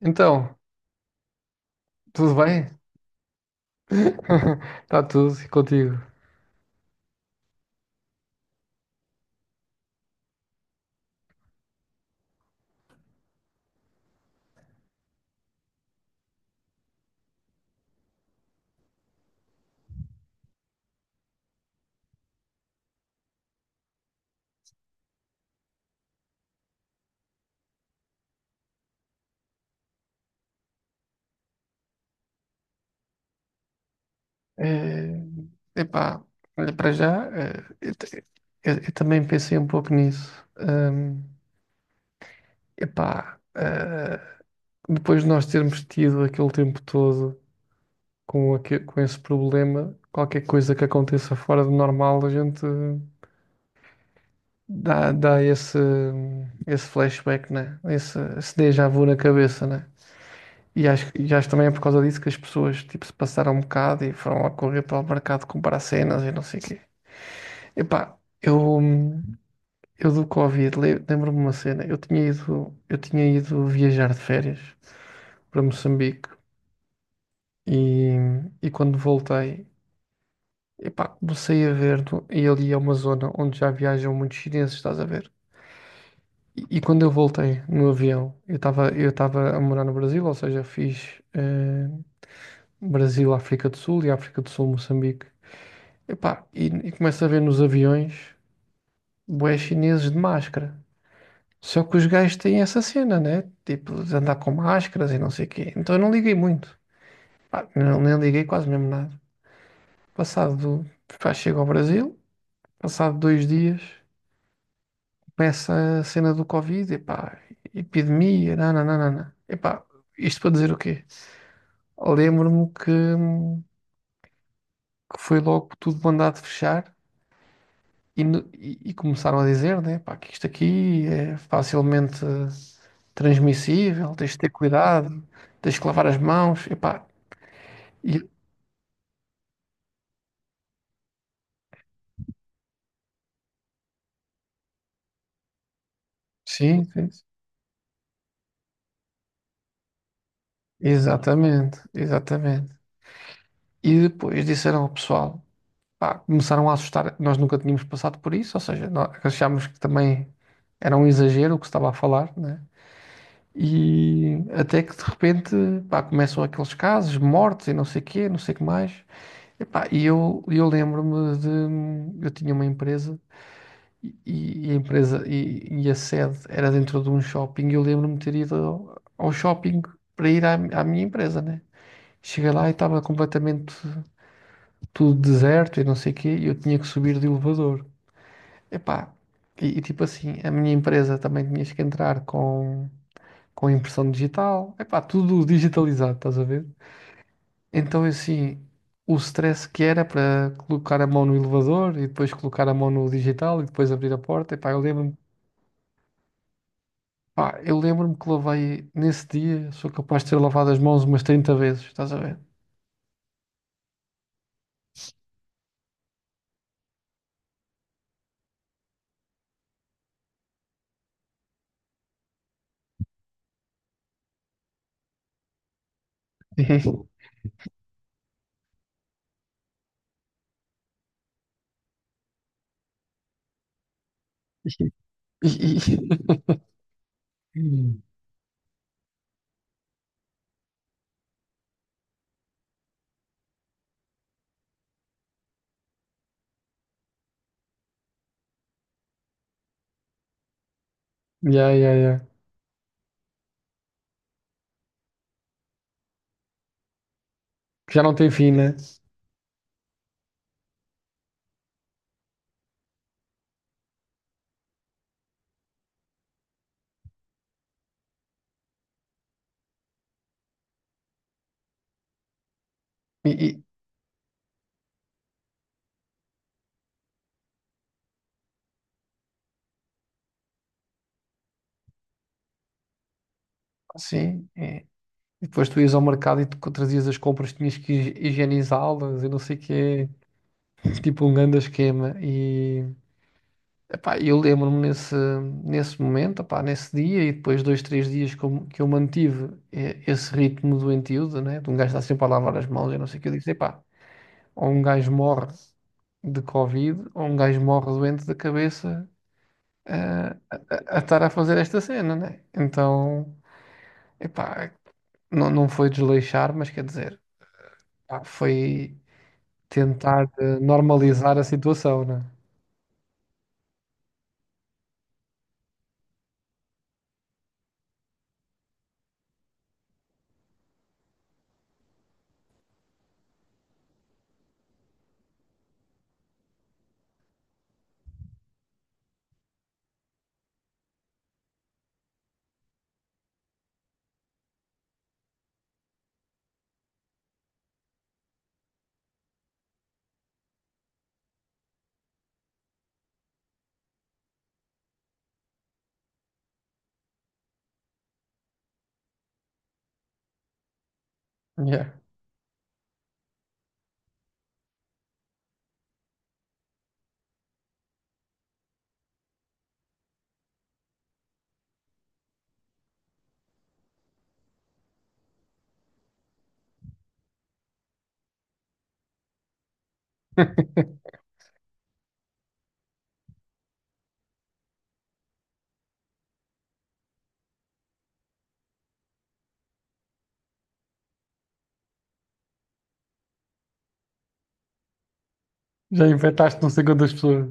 Então, tudo bem? Está tudo e contigo? Eh, epá, olha, para já, eu, te- eu também pensei um pouco nisso. Epá, eh, Depois de nós termos tido aquele tempo todo com esse problema, qualquer coisa que aconteça fora do normal, a gente dá esse flashback, né? Esse déjà vu na cabeça, né? E acho também é por causa disso que as pessoas tipo, se passaram um bocado e foram a correr para o mercado comprar cenas e não sei o quê. Epá, eu do Covid lembro-me uma cena. Eu tinha ido viajar de férias para Moçambique e, e quando voltei, epá, comecei a ver, e ali é uma zona onde já viajam muitos chineses, estás a ver? E quando eu voltei no avião, eu estava a morar no Brasil, ou seja, fiz Brasil, África do Sul e África do Sul, Moçambique. Epá, e começo a ver nos aviões bué chineses de máscara. Só que os gajos têm essa cena, né? Tipo, de andar com máscaras e não sei o quê. Então eu não liguei muito. Pá, não, nem liguei quase mesmo nada. Passado do... Pá, chego ao Brasil, passado dois dias, começa a cena do Covid, epá, epidemia, nananana. Epá, isto para dizer o quê? Lembro-me que, que foi logo tudo mandado fechar. E começaram a dizer, né, pá, que isto aqui é facilmente transmissível, tens de ter cuidado, tens de lavar as mãos, e pá, e- sim, sim, sim. Exatamente, exatamente. E depois disseram ao pessoal, pá, começaram a assustar, nós nunca tínhamos passado por isso, ou seja, nós achámos que também era um exagero o que se estava a falar, né? E até que de repente, pá, começam aqueles casos, mortes e não sei o quê, não sei o que mais. Epá, eu lembro-me de. Eu tinha uma empresa e a empresa e a sede era dentro de um shopping e eu lembro-me de ter ido ao shopping para ir à minha empresa, né? Cheguei lá e estava completamente tudo deserto e não sei o quê e eu tinha que subir de elevador. Epá, e tipo assim, a minha empresa também tinhas que entrar com impressão digital. Epá, tudo digitalizado, estás a ver? Então, assim, o stress que era para colocar a mão no elevador e depois colocar a mão no digital e depois abrir a porta, epá, eu lembro-me, pá, eu lembro-me que lavei nesse dia, sou capaz de ter lavado as mãos umas 30 vezes, estás a ver? E, e, yeah, yeah, yeah. Que já não tem fim, né? E, e sim, é. E depois tu ias ao mercado e tu trazias as compras, tinhas que higienizá-las e não sei o quê, tipo um grande esquema. E, epá, eu lembro-me nesse momento, epá, nesse dia, e depois dois, três dias que que eu mantive esse ritmo doentio, de, né, de um gajo estar sempre a lavar as mãos, e não sei o que eu disse, epá, ou um gajo morre de Covid, ou um gajo morre doente da cabeça, eh, a estar a fazer esta cena, né? Então, epá, não, não foi desleixar, mas quer dizer, pá, foi tentar normalizar a situação, né? Yeah. Já infectaste não sei quantas pessoas,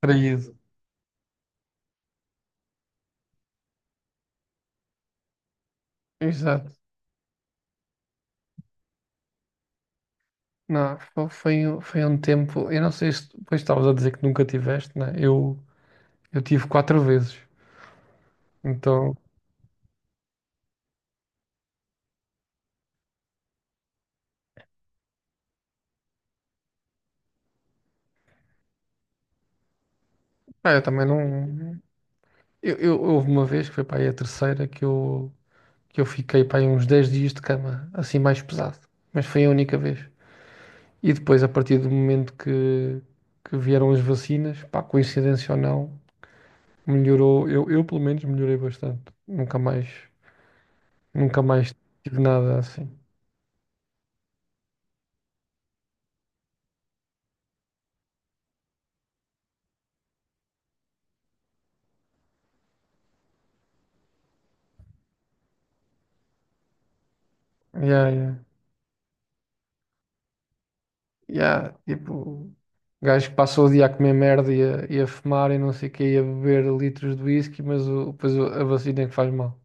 traído. Exato. Não, foi, foi um tempo. Eu não sei se depois estavas a dizer que nunca tiveste, né? Eu tive quatro vezes. Então, ah, eu também não. Houve uma vez que foi para aí a terceira que eu fiquei para aí uns 10 dias de cama, assim mais pesado. Mas foi a única vez. E depois, a partir do momento que vieram as vacinas, pá, coincidência ou não, melhorou. Eu pelo menos melhorei bastante. Nunca mais tive nada assim. Yeah, yeah. Yeah, tipo, gajo que passou o dia a comer merda e a fumar e não sei o que, e a beber litros de whisky, mas o, depois a vacina é que faz mal.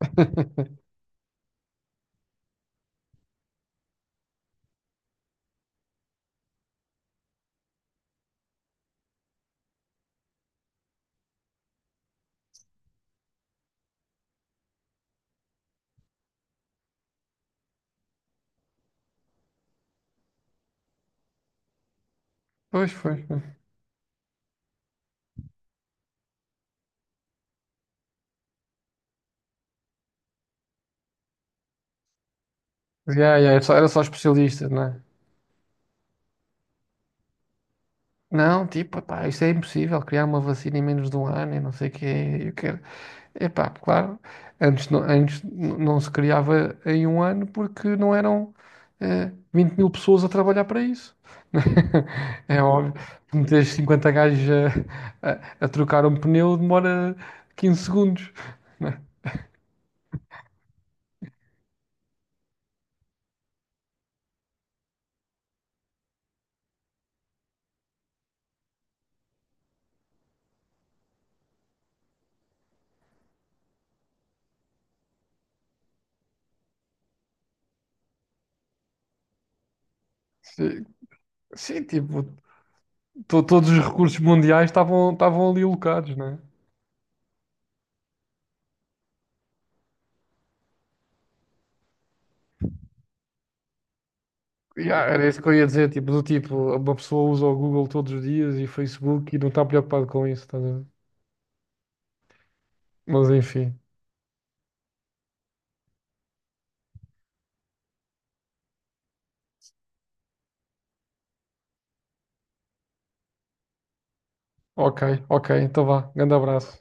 Pois, pois, pois. Yeah, yeah, era só especialista, não é? Não, tipo, pá, isso é impossível, criar uma vacina em menos de um ano e não sei o que, eu quero. Epá, claro, antes, não, antes não se criava em um ano porque não eram 20 mil pessoas a trabalhar para isso. É óbvio, que meteres 50 gajos a trocar um pneu demora 15 segundos. Né? Sim, sim, tipo, todos os recursos mundiais estavam ali alocados, né? E, ah, era isso que eu ia dizer, tipo, do tipo, uma pessoa usa o Google todos os dias e Facebook e não está preocupado com isso, estás a ver? Mas enfim. Ok, ok, então vá. Grande abraço.